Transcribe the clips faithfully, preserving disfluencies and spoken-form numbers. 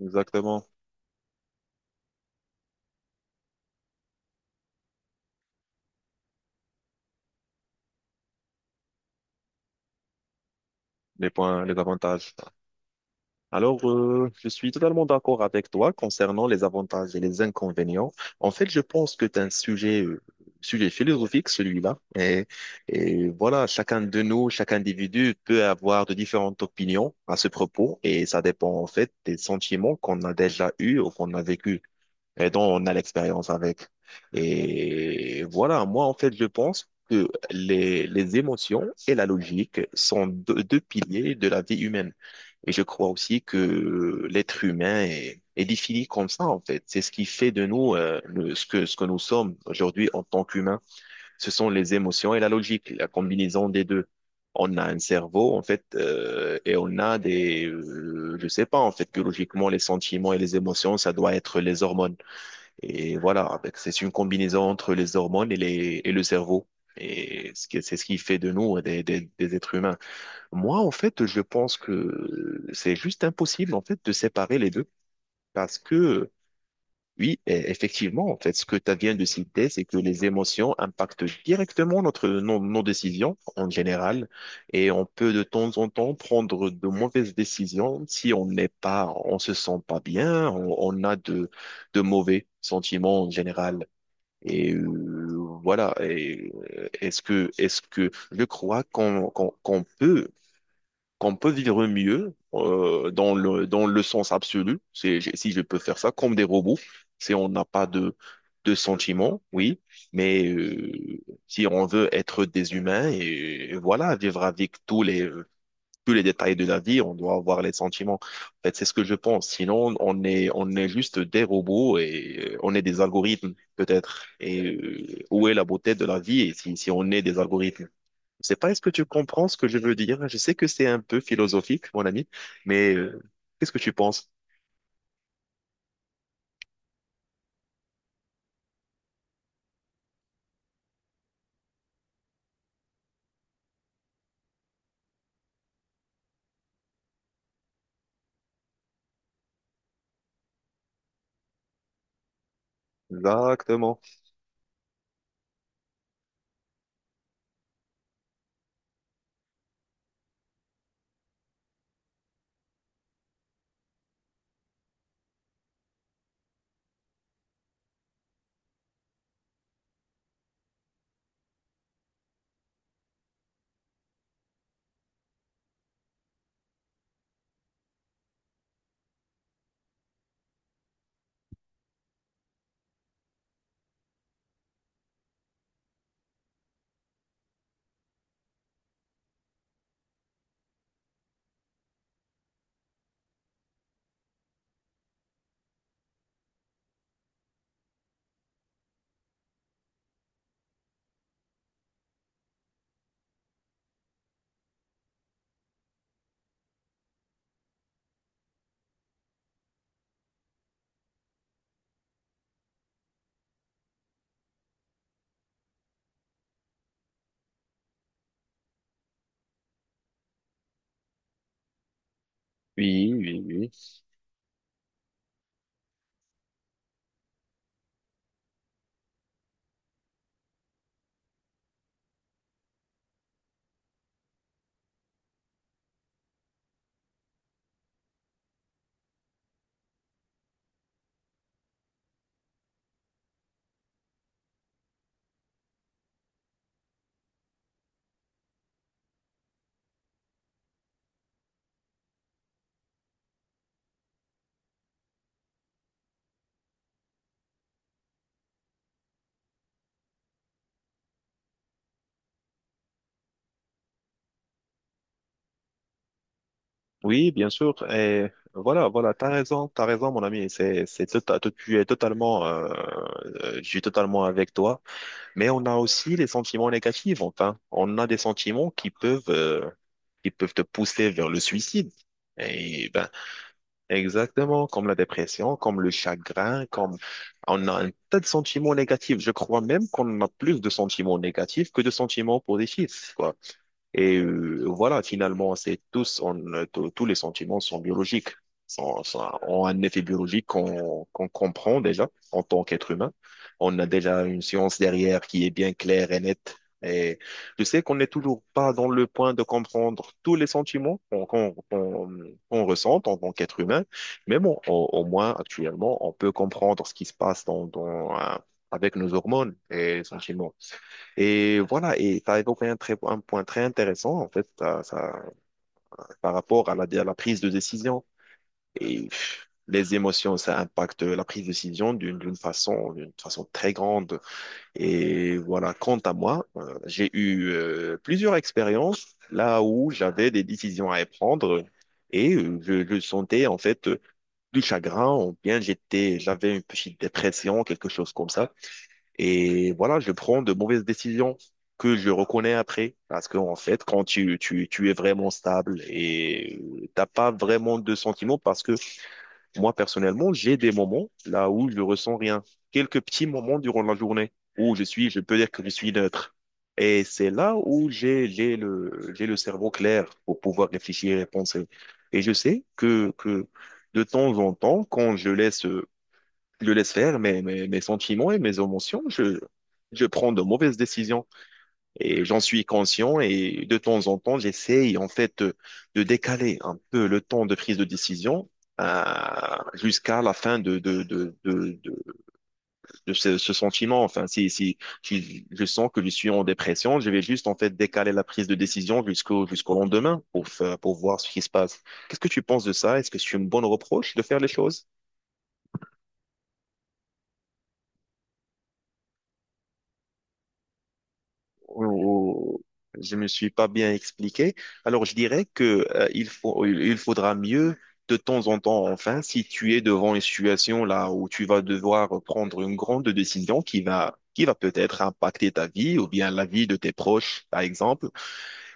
Exactement, les points, les avantages. Alors, euh, je suis totalement d'accord avec toi concernant les avantages et les inconvénients. En fait, je pense que c'est un sujet, euh, sujet philosophique, celui-là. Et, et voilà, chacun de nous, chaque individu peut avoir de différentes opinions à ce propos et ça dépend en fait des sentiments qu'on a déjà eus ou qu'on a vécu, et dont on a l'expérience avec. Et voilà, moi, en fait, je pense que les, les émotions et la logique sont deux, deux piliers de la vie humaine. Et je crois aussi que l'être humain est, est défini comme ça, en fait. C'est ce qui fait de nous euh, le- ce que, ce que nous sommes aujourd'hui en tant qu'humains. Ce sont les émotions et la logique, la combinaison des deux. On a un cerveau, en fait, euh, et on a des, euh, je sais pas, en fait, biologiquement, les sentiments et les émotions, ça doit être les hormones. Et voilà, avec- c'est une combinaison entre les hormones et, les, et le cerveau. Et ce qui- c'est ce qui fait de nous des, des, des êtres humains. Moi, en fait, je pense que c'est juste impossible, en fait, de séparer les deux. Parce que, oui, e- effectivement, en fait, ce que tu viens de citer, c'est que les émotions impactent directement notre, nos, nos décisions, en général. Et on peut, de temps en temps, prendre de mauvaises décisions si on n'est pas, on se sent pas bien, on on a de, de mauvais sentiments en général. Et euh, voilà. Et euh, est-ce que, est-ce que je crois qu'on qu'on, qu'on peut, qu'on peut vivre mieux euh, dans le, dans le sens absolu, c'est, j'ai- si je peux faire ça, comme des robots, si on n'a pas de, de sentiments, oui, mais euh, si on veut être des humains et, voilà, vivre avec tous les tous les détails de la vie, on doit avoir les sentiments. En fait, c'est ce que je pense. Sinon, on est, on est juste des robots et euh, on est des algorithmes, peut-être. Et euh, où est la beauté de la vie et si, si on est des algorithmes? Je sais pas, est-ce que tu comprends ce que je veux dire? Je sais que c'est un peu philosophique, mon ami, mais euh, qu'est-ce que tu penses? Exactement. Oui, oui, oui. Oui, bien sûr. Et voilà, voilà, t'as raison, t'as raison, mon ami. C'est, c'est, tota- tu es totalement, euh, euh, je suis totalement avec toi. Mais on a aussi les sentiments négatifs, enfin. On a des sentiments qui peuvent, euh, qui peuvent te pousser vers le suicide. Et ben, exactement, comme la dépression, comme le chagrin, comme on a un tas de sentiments négatifs. Je crois même qu'on a plus de sentiments négatifs que de sentiments positifs, quoi. Et euh, voilà, finalement, c'est tous, on, euh, tous tous les sentiments sont biologiques, sont- sont- ont un effet biologique qu'on qu'on comprend déjà en tant qu'être humain. On a déjà une science derrière qui est bien claire et nette. Et je sais qu'on n'est toujours pas dans le point de comprendre tous les sentiments qu'on qu'on qu'on- qu'on ressent en tant qu'être humain, mais bon, au, au moins actuellement, on peut comprendre ce qui se passe dans, dans, euh, avec nos hormones et sentiments. Et voilà, et tu as évoqué un, très, un point très intéressant, en fait, ça, ça- par rapport à la, à la prise de décision. Et les émotions, ça impacte la prise de décision d'une d'une façon, d'une façon très grande. Et voilà, quant à moi, euh, j'ai eu euh, plusieurs expériences là où j'avais des décisions à prendre et euh, je, je sentais en fait euh, du chagrin ou bien j'étais, j'avais une petite dépression, quelque chose comme ça. Et voilà, je prends de mauvaises décisions que je reconnais après. Parce qu'en fait, quand tu, tu, tu es vraiment stable et euh, t'as pas vraiment de sentiments, parce que moi, personnellement, j'ai des moments là où je ressens rien. Quelques petits moments durant la journée où je suis, je peux dire que je suis neutre. Et c'est là où j'ai, j'ai le, j'ai le cerveau clair pour pouvoir réfléchir et penser. Et je sais que, que de temps en temps, quand je laisse euh, je laisse faire mes, mes, mes sentiments et mes émotions. Je, je prends de mauvaises décisions et j'en suis conscient et de temps en temps, j'essaye en fait de, de décaler un peu le temps de prise de décision euh, jusqu'à la fin de, de, de, de, de, de ce, ce sentiment. Enfin, si, si, si je sens que je suis en dépression, je vais juste en fait décaler la prise de décision jusqu'au jusqu'au lendemain pour, fa- pour voir ce qui se passe. Qu'est-ce que tu penses de ça? Est-ce que c'est une bonne reproche de faire les choses? ou- je me suis pas bien expliqué. Alors je dirais que euh, il faut, il il faudra mieux de temps en temps, enfin, si tu es devant une situation là où tu vas devoir prendre une grande décision qui va qui va peut-être impacter ta vie ou bien la vie de tes proches, par exemple.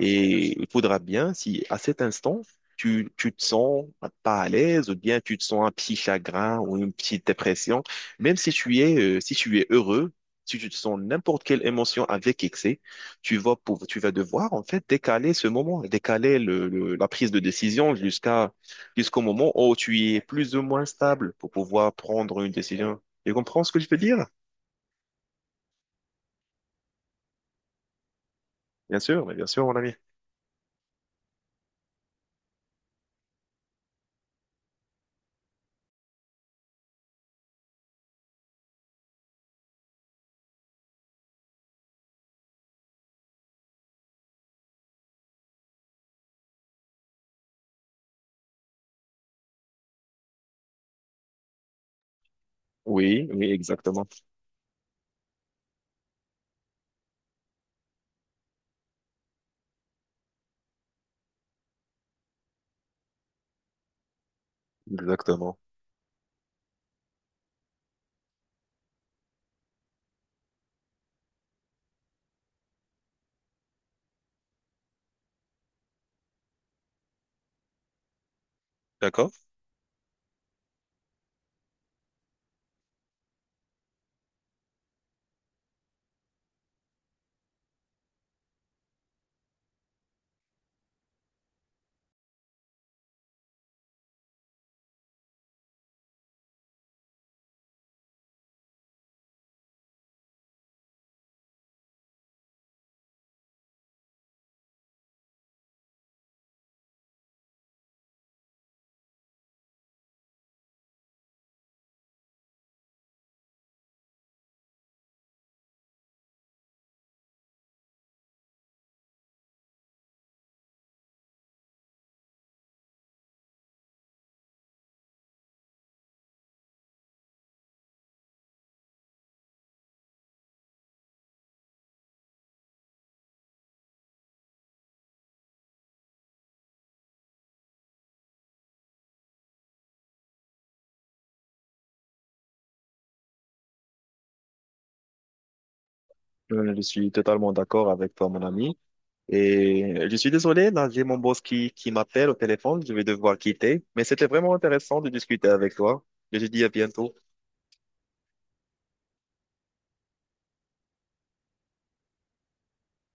Et il faudra bien, si à cet instant, tu, tu te sens pas à l'aise, ou bien tu te sens un petit chagrin ou une petite dépression, même si tu es, euh, si tu es heureux, si tu te sens n'importe quelle émotion avec excès, tu vas, pouv- tu vas devoir en fait décaler ce moment, décaler le, le- la prise de décision jusqu'à jusqu'au moment où tu es plus ou moins stable pour pouvoir prendre une décision. Tu comprends ce que je veux dire? Bien sûr, mais bien sûr, mon ami. Oui, oui, exactement, exactement. D'accord? Euh, je suis totalement d'accord avec toi, mon ami. Et je suis désolé, là, j'ai mon boss qui, qui m'appelle au téléphone. Je vais devoir quitter. Mais c'était vraiment intéressant de discuter avec toi. Je te dis à bientôt.